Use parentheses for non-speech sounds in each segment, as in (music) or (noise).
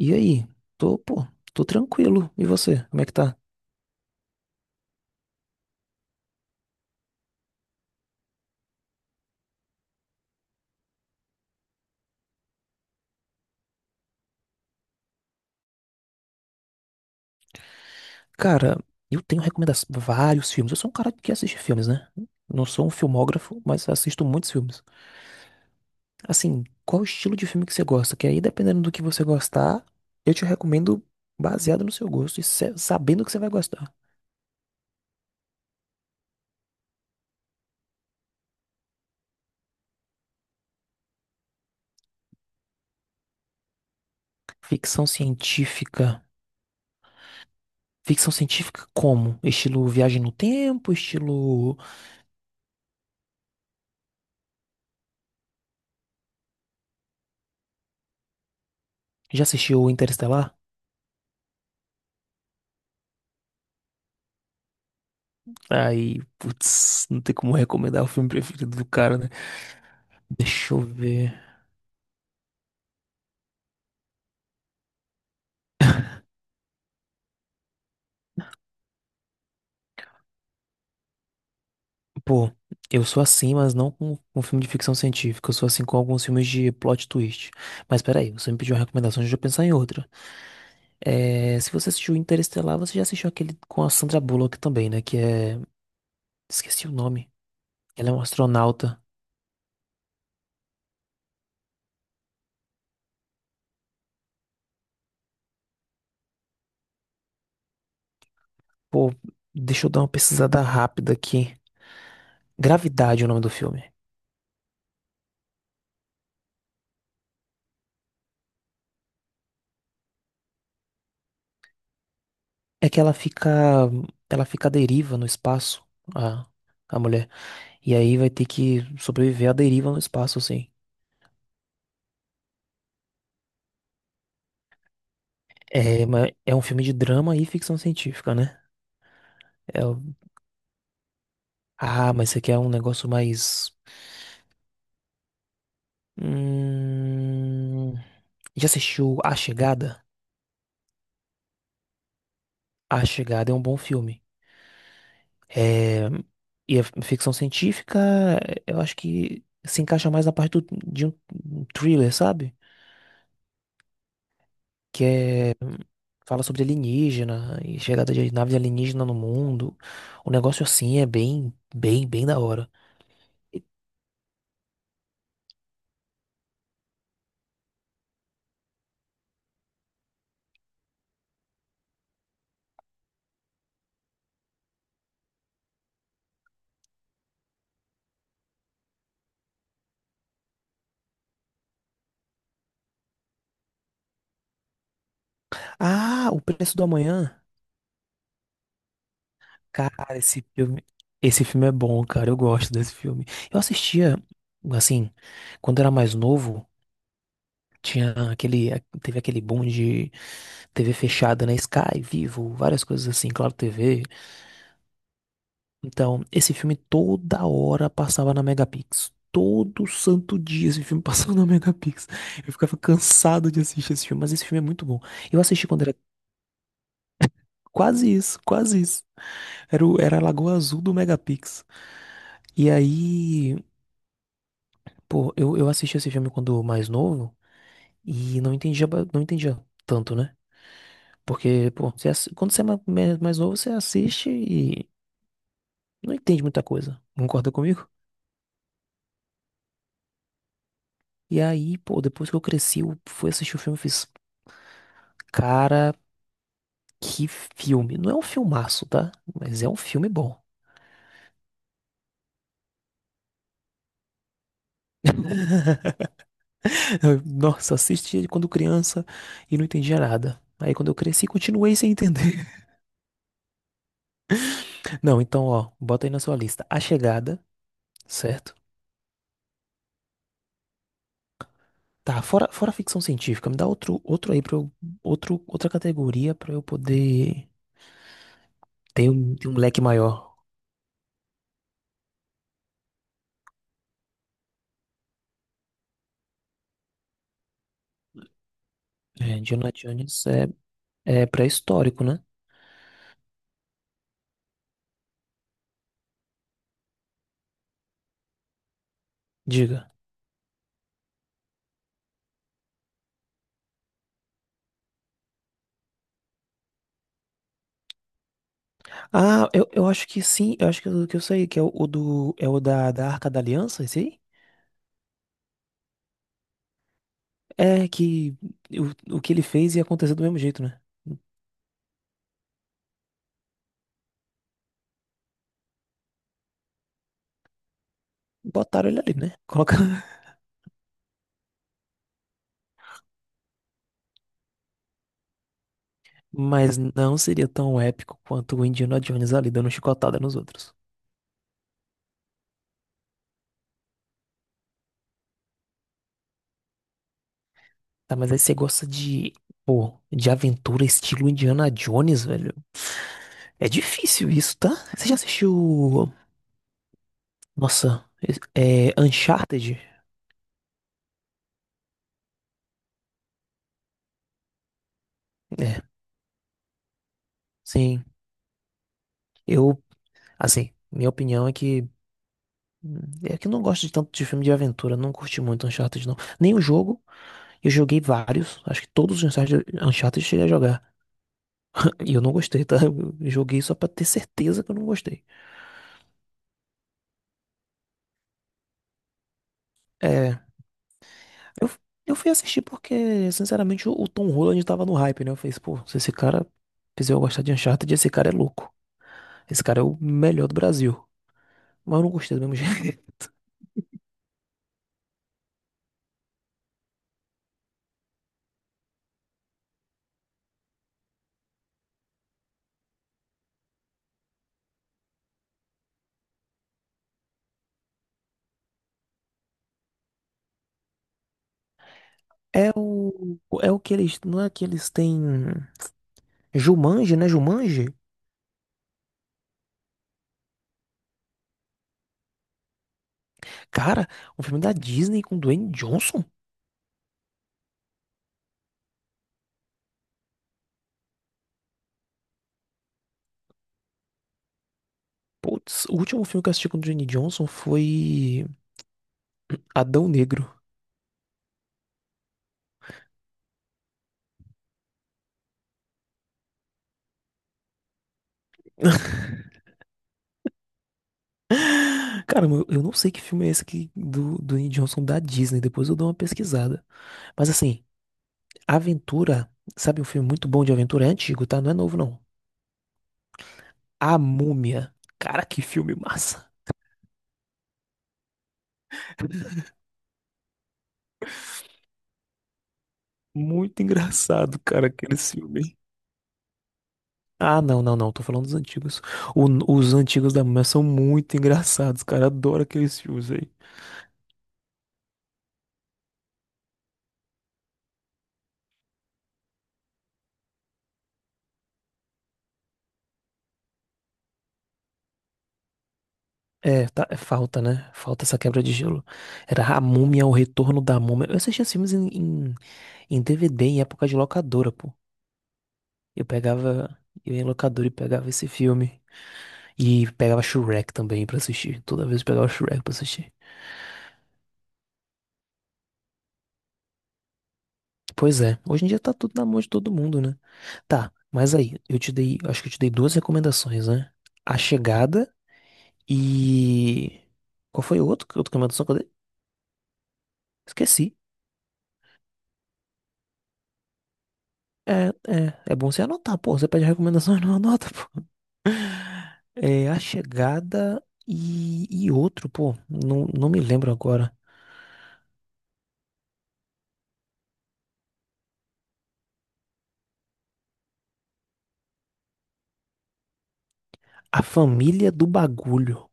E aí? Tô, pô, tô tranquilo. E você? Como é que tá? Cara, eu tenho recomendações, vários filmes. Eu sou um cara que assiste filmes, né? Não sou um filmógrafo, mas assisto muitos filmes. Assim, qual o estilo de filme que você gosta? Que aí, dependendo do que você gostar, eu te recomendo baseado no seu gosto e sabendo que você vai gostar. Ficção científica. Ficção científica como? Estilo Viagem no Tempo, estilo... Já assistiu Interestelar? Aí, putz, não tem como recomendar o filme preferido do cara, né? Deixa eu ver. Pô, eu sou assim, mas não com filme de ficção científica. Eu sou assim com alguns filmes de plot twist. Mas peraí, você me pediu uma recomendação, deixa eu pensar em outra. É, se você assistiu Interestelar, você já assistiu aquele com a Sandra Bullock também, né? Que é. Esqueci o nome. Ela é uma astronauta. Pô, deixa eu dar uma pesquisada rápida aqui. Gravidade é o nome do filme. É que ela fica. Ela fica à deriva no espaço, a, a mulher. E aí vai ter que sobreviver à deriva no espaço, assim. É, mas é um filme de drama e ficção científica, né? É o- Ah, mas isso aqui é um negócio mais. Hum... Já assistiu A Chegada? A Chegada é um bom filme. É... E a ficção científica, eu acho que se encaixa mais na parte do... de um thriller, sabe? Que é... fala sobre alienígena e chegada de naves alienígena no mundo. O negócio assim é bem, bem, bem da hora. Ah, O Preço do Amanhã. Cara, esse filme é bom, cara. Eu gosto desse filme. Eu assistia, assim, quando era mais novo, tinha aquele, teve aquele boom de TV fechada, né? Sky, Vivo, várias coisas assim, Claro TV. Então, esse filme toda hora passava na Megapix. Todo santo dia esse filme (laughs) passava na Megapix. Eu ficava cansado de assistir esse filme, mas esse filme é muito bom. Eu assisti quando era quase isso, quase isso. Era, era a Lagoa Azul do Megapix. E aí, pô, eu assisti esse filme quando mais novo e não entendia, não entendia tanto, né? Porque, pô, quando você é mais novo, você assiste e não entende muita coisa. Concorda comigo? E aí, pô, depois que eu cresci, eu fui assistir o filme e fiz. Cara, que filme. Não é um filmaço, tá? Mas é um filme bom. (laughs) Nossa, assisti quando criança e não entendia nada. Aí quando eu cresci, continuei sem entender. (laughs) Não, então, ó, bota aí na sua lista. A Chegada, certo? Tá, fora ficção científica, me dá outro aí pra eu, outro, outra categoria pra eu poder ter um leque maior. É, Indiana Jones é, é pré-histórico, né? Diga. Ah, eu acho que sim, eu acho que eu sei, que é o do, é o da, da Arca da Aliança, esse aí? É que o que ele fez ia acontecer do mesmo jeito, né? Botaram ele ali, né? Coloca... (laughs) Mas não seria tão épico quanto o Indiana Jones ali dando chicotada nos outros. Tá, mas aí você gosta de, pô, de aventura estilo Indiana Jones, velho. É difícil isso, tá? Você já assistiu, nossa, é Uncharted? É, sim. Eu, assim, minha opinião é que hum, é que eu não gosto de tanto de filme de aventura, não curti muito Uncharted, não. Nem o jogo, eu joguei vários, acho que todos os Uncharted, Uncharted eu cheguei a jogar. E eu não gostei, tá? Eu joguei só pra ter certeza que eu não gostei. É, eu, eu fui assistir porque, sinceramente, o Tom Holland tava no hype, né? Eu falei, pô, se esse cara fizer eu gostar de Uncharted, esse cara é louco. Esse cara é o melhor do Brasil. Mas eu não gostei do mesmo (laughs) jeito. É o, é o que eles, não é que eles têm Jumanji, né? Jumanji? Cara, um filme da Disney com Dwayne Johnson? Putz, o último filme que eu assisti com Dwayne Johnson foi Adão Negro. Caramba, eu não sei que filme é esse aqui do, do Dwayne Johnson da Disney. Depois eu dou uma pesquisada. Mas assim, aventura, sabe um filme muito bom de aventura? É antigo, tá? Não é novo, não. A Múmia. Cara, que filme massa. (laughs) Muito engraçado, cara, aquele filme. Ah, não. Tô falando dos antigos. O- os antigos da Múmia são muito engraçados, cara. Adoro aqueles filmes aí. É, tá, é falta, né? Falta essa quebra de gelo. Era A Múmia, O Retorno da Múmia. Eu assistia esses filmes em DVD em época de locadora, pô. Eu pegava, eu ia em locadora e pegava esse filme. E pegava Shrek também pra assistir. Toda vez eu pegava Shrek pra assistir. Pois é, hoje em dia tá tudo na mão de todo mundo, né? Tá, mas aí, eu te dei, acho que eu te dei duas recomendações, né? A Chegada e. Qual foi o outro, outra recomendação que eu dei? Esqueci. É, é bom você anotar, pô. Você pede recomendação e não anota, pô. É, A Chegada e outro, pô. Não, não me lembro agora. A Família do Bagulho.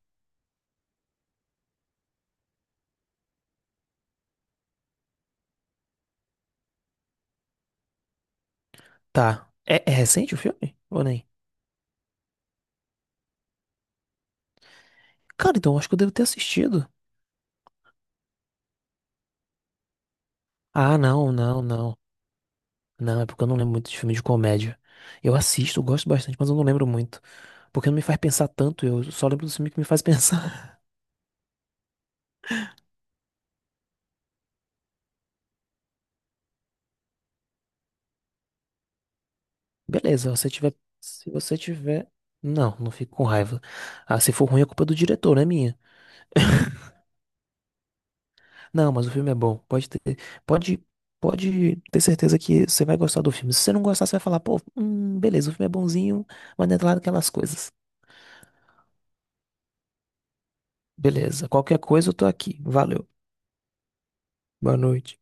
Tá. É, é recente o filme? Ou nem? Cara, então eu acho que eu devo ter assistido. Ah, não. Não, é porque eu não lembro muito de filme de comédia. Eu assisto, eu gosto bastante, mas eu não lembro muito. Porque não me faz pensar tanto, eu só lembro do filme que me faz pensar. (laughs) Beleza, se você tiver. Se você tiver. Não, não fico com raiva. Ah, se for ruim, a culpa é do diretor, não é minha. Não, mas o filme é bom. Pode ter. Pode. Pode ter certeza que você vai gostar do filme. Se você não gostar, você vai falar, pô, beleza, o filme é bonzinho, mas não é lá daquelas coisas. Beleza. Qualquer coisa eu tô aqui. Valeu. Boa noite.